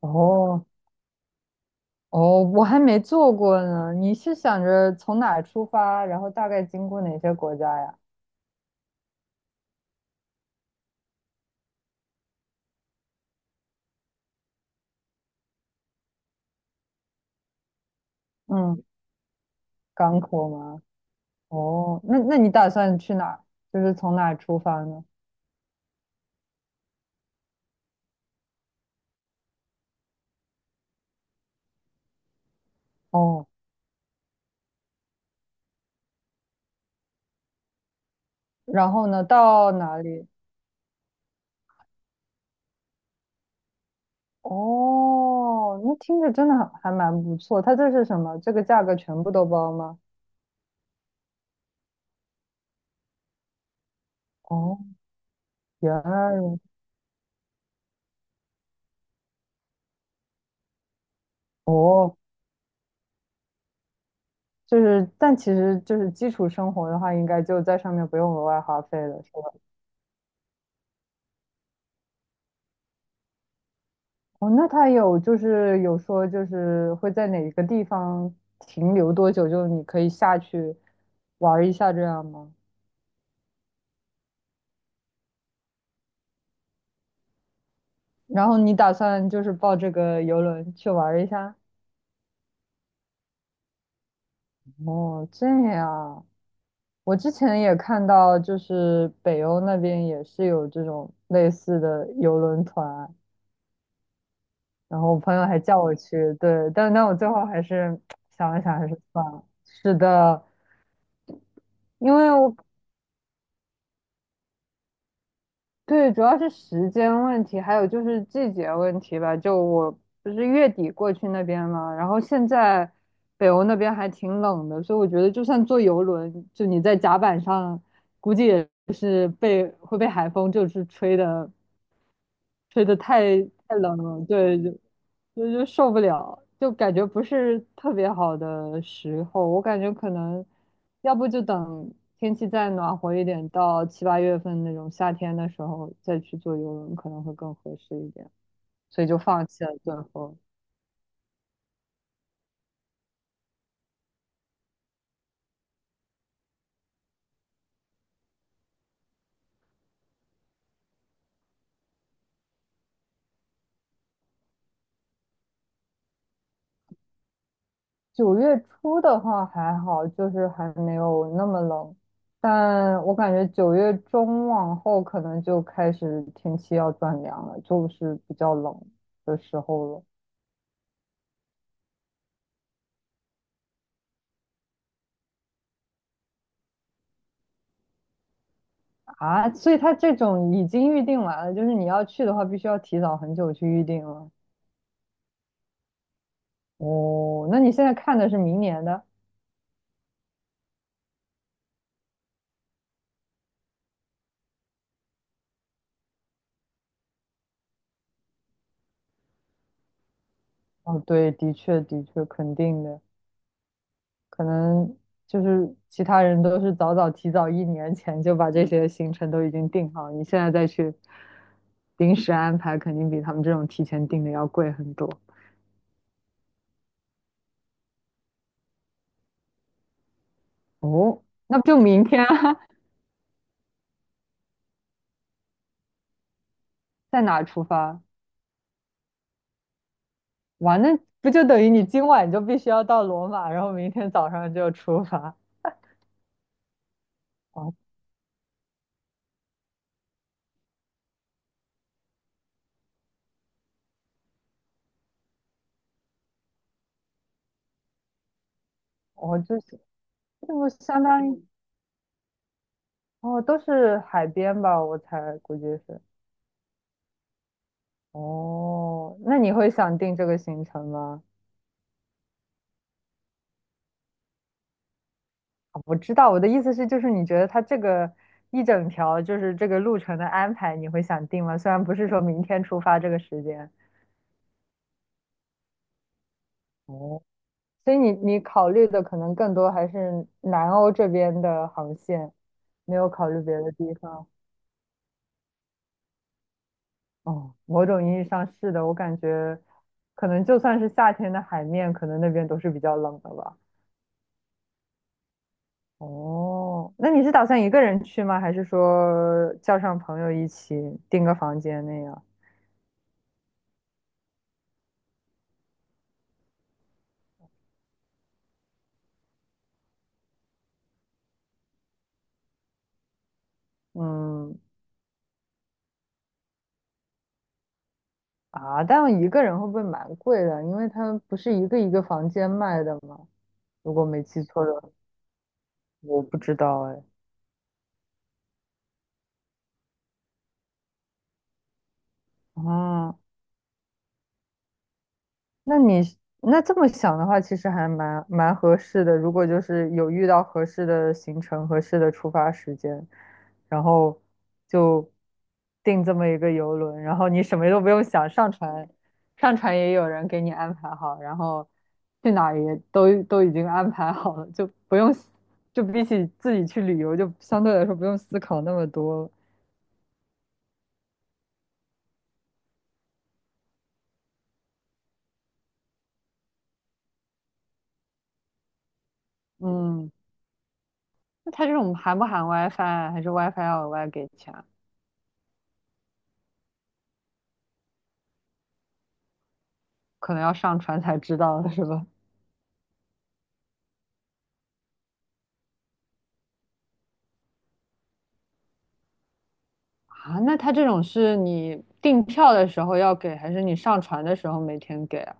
哦哦，我还没做过呢。你是想着从哪儿出发，然后大概经过哪些国家呀？嗯，港口吗？哦，那你打算去哪儿？就是从哪儿出发呢？哦，然后呢，到哪里？哦，那听着真的还蛮不错。它这是什么？这个价格全部都包吗？哦，原来如哦，就是，但其实就是基础生活的话，应该就在上面不用额外花费了，是吧？哦，那他有就是有说就是会在哪个地方停留多久，就你可以下去玩儿一下这样吗？然后你打算就是报这个游轮去玩儿一下？哦，这样。我之前也看到，就是北欧那边也是有这种类似的游轮团，然后我朋友还叫我去，对，但我最后还是想了想，还是算了。是的，因为我对，主要是时间问题，还有就是季节问题吧。就我不是月底过去那边嘛，然后现在北欧那边还挺冷的，所以我觉得就算坐游轮，就你在甲板上，估计也会被海风就是吹的太冷了，对，就受不了，就感觉不是特别好的时候。我感觉可能，要不就等天气再暖和一点，到7、8月份那种夏天的时候再去坐游轮可能会更合适一点，所以就放弃了最后。9月初的话还好，就是还没有那么冷，但我感觉9月中往后可能就开始天气要转凉了，就是比较冷的时候了。啊，所以他这种已经预定完了，就是你要去的话，必须要提早很久去预定了。哦，那你现在看的是明年的？哦，对，的确，的确，肯定的，可能就是其他人都是早早提早1年前就把这些行程都已经定好，你现在再去临时安排，肯定比他们这种提前定的要贵很多。哦，那就明天啊，在哪出发？哇，那不就等于你今晚就必须要到罗马，然后明天早上就出发。哦，哦，就是这不相当于哦，都是海边吧？我猜估计是。哦，那你会想定这个行程吗？啊我知道，我的意思是，就是你觉得它这个一整条就是这个路程的安排，你会想定吗？虽然不是说明天出发这个时间。哦，所以你考虑的可能更多还是南欧这边的航线，没有考虑别的地方。哦，某种意义上是的，我感觉可能就算是夏天的海面，可能那边都是比较冷的吧。哦，那你是打算一个人去吗？还是说叫上朋友一起订个房间那样？嗯，啊，但一个人会不会蛮贵的？因为它不是一个一个房间卖的吗？如果没记错的，我不知道哎。啊，那你这么想的话，其实还蛮合适的。如果就是有遇到合适的行程、合适的出发时间，然后就订这么一个游轮，然后你什么都不用想，上船也有人给你安排好，然后去哪儿也都已经安排好了，就不用思就比起自己去旅游，就相对来说不用思考那么多了。嗯，那它这种含不含 WiFi 啊还是 WiFi 要额外给钱啊？可能要上船才知道的是吧？啊，那他这种是你订票的时候要给，还是你上船的时候每天给啊？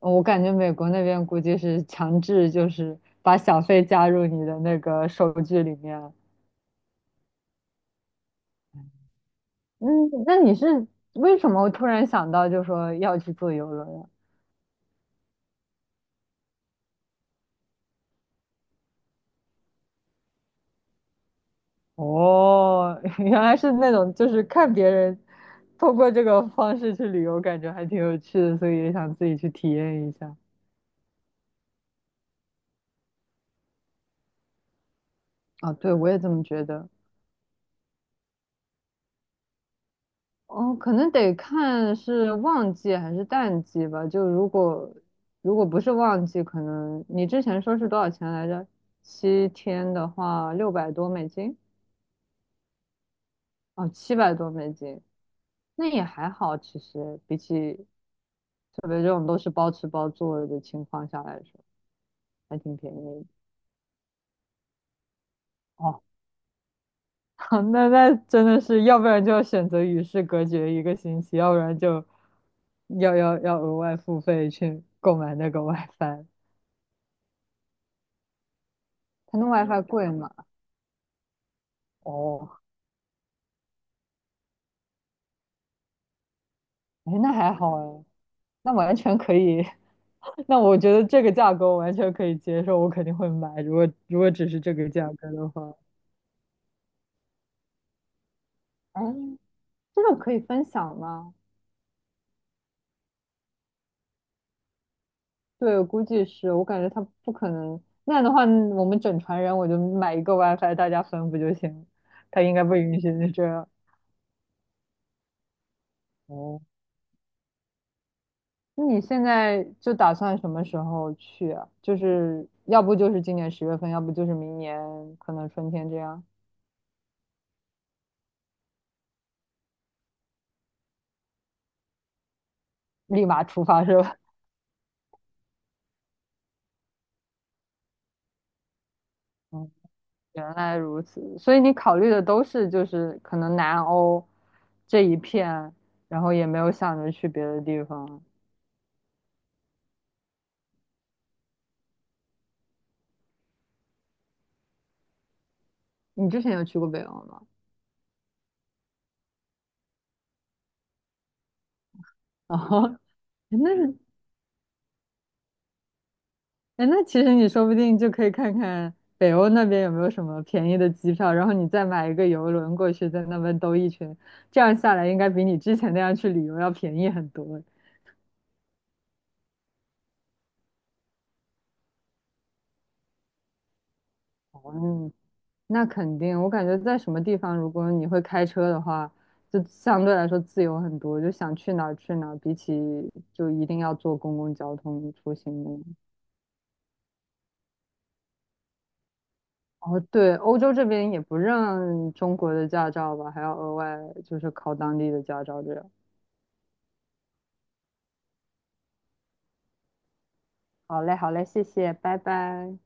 我感觉美国那边估计是强制，就是把小费加入你的那个收据里面。嗯，那你是为什么突然想到就说要去坐游轮啊？哦，原来是那种就是看别人通过这个方式去旅游，感觉还挺有趣的，所以也想自己去体验一下。啊，对，我也这么觉得。哦，可能得看是旺季还是淡季吧。就如果不是旺季，可能你之前说是多少钱来着？7天的话，600多美金，哦，700多美金，那也还好。其实比起特别这种都是包吃包住的情况下来说，还挺便宜的。哦，那真的是，要不然就要选择与世隔绝一个星期，要不然就要额外付费去购买那个 WiFi。它那 WiFi 贵吗？哦，哎，那还好哎，那完全可以。那我觉得这个价格我完全可以接受，我肯定会买。如果只是这个价格的话，哎，这种可以分享吗？对，我估计是，我感觉他不可能。那样的话，我们整船人我就买一个 WiFi，大家分不就行了。他应该不允许你这样。哦，那你现在就打算什么时候去啊？就是要不就是今年10月份，要不就是明年可能春天这样，立马出发是吧？原来如此，所以你考虑的都是就是可能南欧这一片，然后也没有想着去别的地方。你之前有去过北欧吗？哦，那哎，那其实你说不定就可以看看北欧那边有没有什么便宜的机票，然后你再买一个游轮过去，在那边兜一圈，这样下来应该比你之前那样去旅游要便宜很多。嗯。那肯定，我感觉在什么地方，如果你会开车的话，就相对来说自由很多，就想去哪儿去哪儿，比起就一定要坐公共交通出行那样。哦，对，欧洲这边也不认中国的驾照吧，还要额外就是考当地的驾照这样。好嘞，好嘞，谢谢，拜拜。